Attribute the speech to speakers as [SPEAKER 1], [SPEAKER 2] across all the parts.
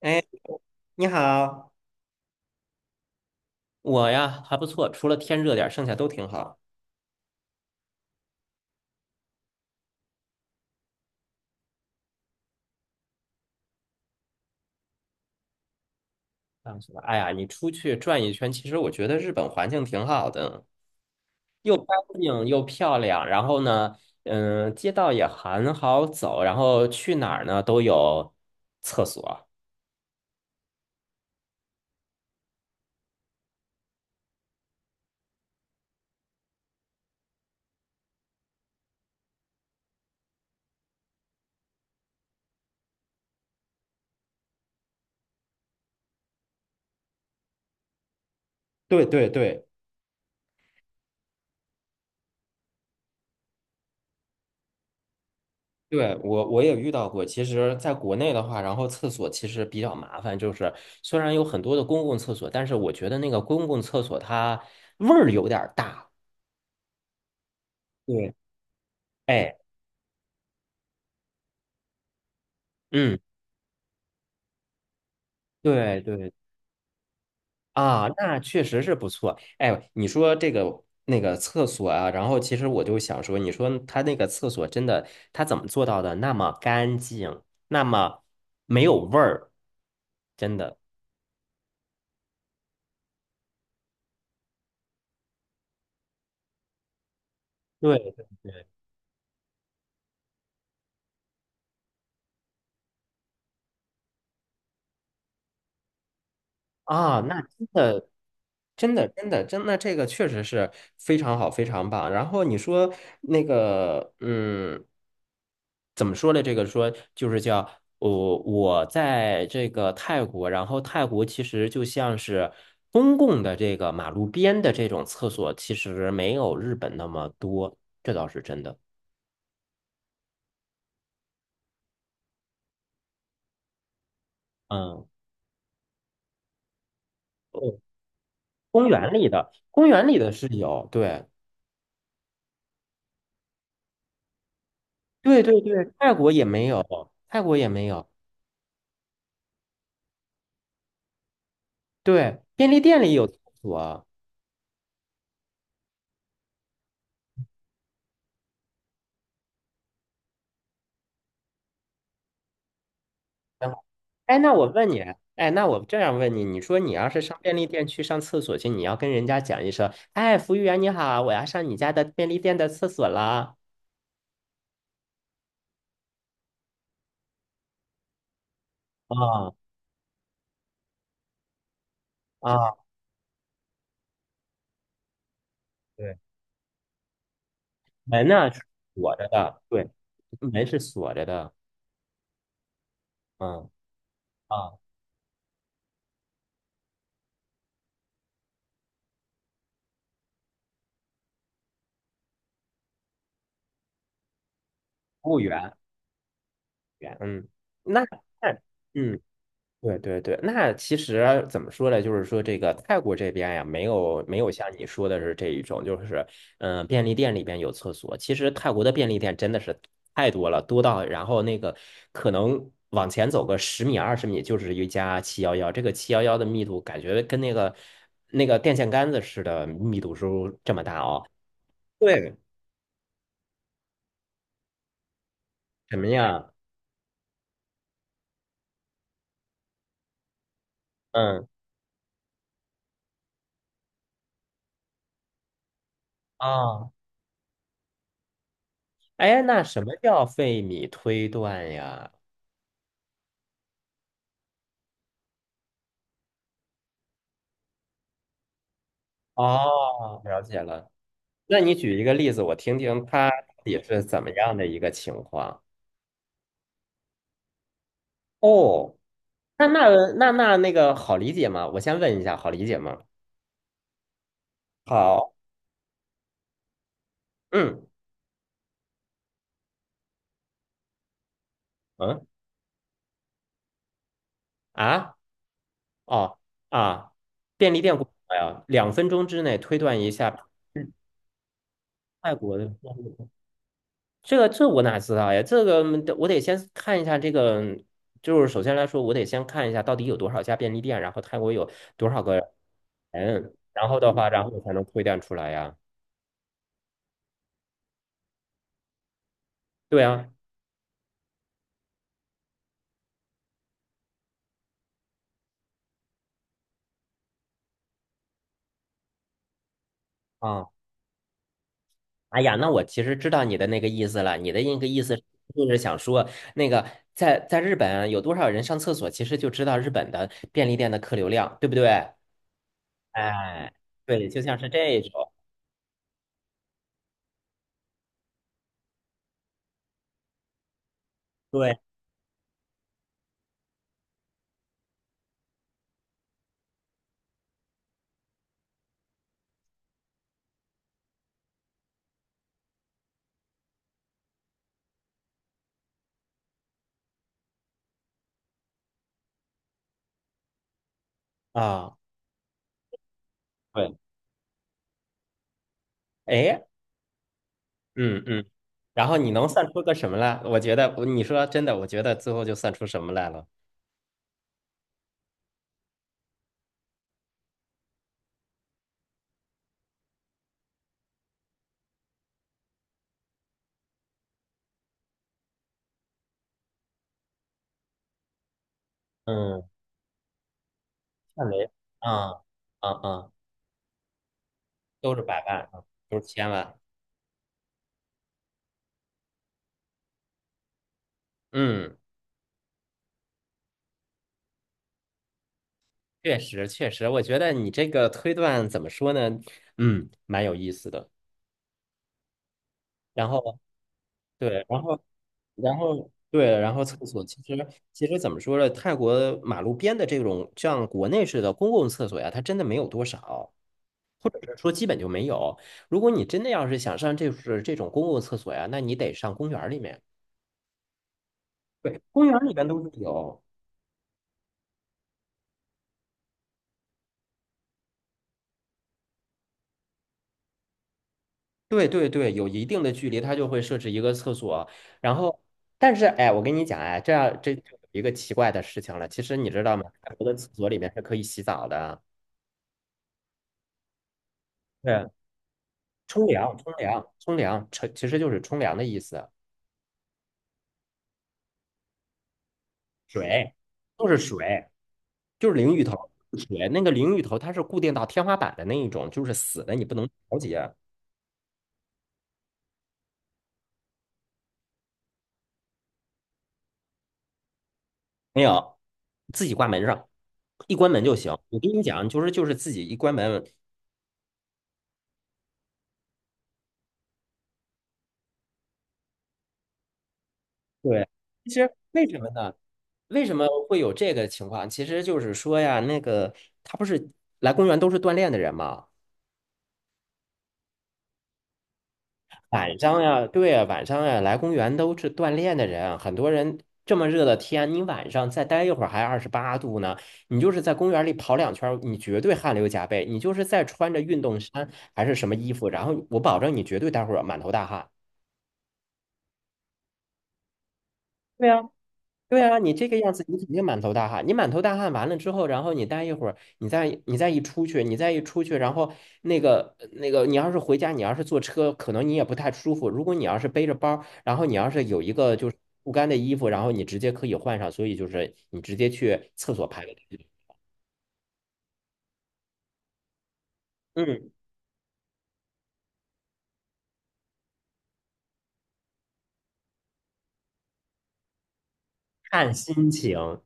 [SPEAKER 1] 哎，你好。我呀还不错，除了天热点儿，剩下都挺好。啊，什么？哎呀，你出去转一圈，其实我觉得日本环境挺好的，又干净又漂亮。然后呢，街道也很好走，然后去哪儿呢都有厕所。对对对。对，我也遇到过。其实，在国内的话，然后厕所其实比较麻烦，就是虽然有很多的公共厕所，但是我觉得那个公共厕所它味儿有点儿大。对。哎。嗯。对对。啊，那确实是不错。哎，你说这个那个厕所啊，然后其实我就想说，你说他那个厕所真的，他怎么做到的那么干净，那么没有味儿？真的。对啊，那真的，真的，真的，真的，这个确实是非常好，非常棒。然后你说那个，怎么说呢？这个说就是叫我在这个泰国，然后泰国其实就像是公共的这个马路边的这种厕所，其实没有日本那么多，这倒是真的。嗯。哦，公园里的，公园里的是有。对。对对对，泰国也没有，泰国也没有。对，便利店里有厕所。然后，哎，那我问你，哎，那我这样问你，你说你要是上便利店去上厕所去，你要跟人家讲一声，哎，服务员你好，我要上你家的便利店的厕所了。啊啊。对，门呢是锁着的。对，门是锁着的。嗯啊，服务员，员嗯。那那嗯。对对对，那其实怎么说呢？就是说这个泰国这边呀，没有像你说的是这一种，就是便利店里边有厕所。其实泰国的便利店真的是太多了，多到然后那个可能往前走个十米20米就是一家七幺幺，这个七幺幺的密度感觉跟那个电线杆子似的，密度是这么大哦。对。什么呀？嗯啊。哎，那什么叫费米推断呀？哦，了解了。那你举一个例子，我听听他到底是怎么样的一个情况？哦，那那那个好理解吗？我先问一下，好理解吗？好。嗯嗯。啊。哦。啊，便利店广告呀，2分钟之内推断一下外国的便利店。这我哪知道呀？这个我得先看一下这个，就是首先来说，我得先看一下到底有多少家便利店，然后泰国有多少个人，然后的话，然后我才能推断出来呀。对啊。啊，哎呀，那我其实知道你的那个意思了。你的那个意思就是想说，那个在日本有多少人上厕所，其实就知道日本的便利店的客流量，对不对？哎，对，就像是这种。对啊，对。哎。嗯嗯。然后你能算出个什么来？我觉得你说真的，我觉得最后就算出什么来了。嗯，范围。啊啊啊，都是百万，啊都是千万。嗯。确实，确实，我觉得你这个推断怎么说呢？蛮有意思的。然后，对，对，然后厕所其实怎么说呢？泰国马路边的这种像国内式的公共厕所呀，它真的没有多少，或者是说基本就没有。如果你真的要是想上这是这种公共厕所呀，那你得上公园儿里面。对，公园儿里面都是有。对对对，有一定的距离，它就会设置一个厕所。然后，但是哎，我跟你讲哎，这样这就有一个奇怪的事情了。其实你知道吗？泰国的厕所里面是可以洗澡的。对，冲凉、冲凉、冲凉，冲其实就是冲凉的意思。水就是水，就是淋浴头，水那个淋浴头它是固定到天花板的那一种，就是死的，你不能调节。没有，自己挂门上，一关门就行。我跟你讲，就是自己一关门。对。其实为什么呢？为什么会有这个情况？其实就是说呀，那个他不是来公园都是锻炼的人嘛，晚上呀，对呀，晚上呀，来公园都是锻炼的人。很多人这么热的天，你晚上再待一会儿还28度呢，你就是在公园里跑2圈儿你绝对汗流浃背。你就是再穿着运动衫还是什么衣服，然后我保证你绝对待会儿满头大汗。对呀。对啊，你这个样子，你肯定满头大汗。你满头大汗完了之后，然后你待一会儿，你再一出去，你再一出去，然后你要是回家，你要是坐车，可能你也不太舒服。如果你要是背着包儿然后你要是有一个就是不干的衣服，然后你直接可以换上，所以就是你直接去厕所排个队。嗯，看心情。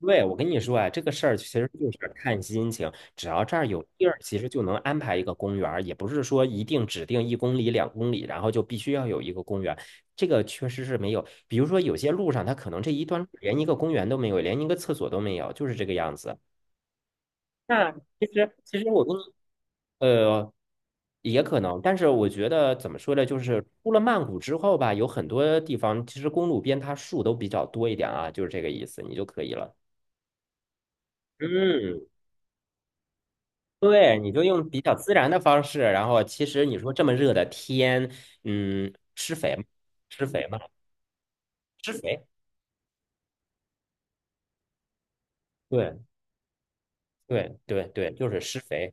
[SPEAKER 1] 对，我跟你说啊，这个事儿其实就是看心情，只要这儿有地儿，其实就能安排一个公园儿，也不是说一定指定1公里、2公里，然后就必须要有一个公园。这个确实是没有，比如说有些路上，它可能这一段路连一个公园都没有，连一个厕所都没有，就是这个样子。那其实我跟你呃，也可能，但是我觉得怎么说呢，就是出了曼谷之后吧，有很多地方其实公路边它树都比较多一点啊，就是这个意思，你就可以了。嗯。对，你就用比较自然的方式，然后其实你说这么热的天，嗯，施肥吗，施肥嘛，施肥。对对对对，就是施肥。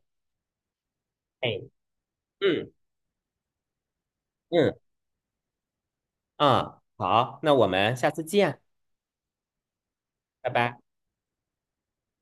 [SPEAKER 1] 哎。嗯嗯。啊，好，那我们下次见。拜拜。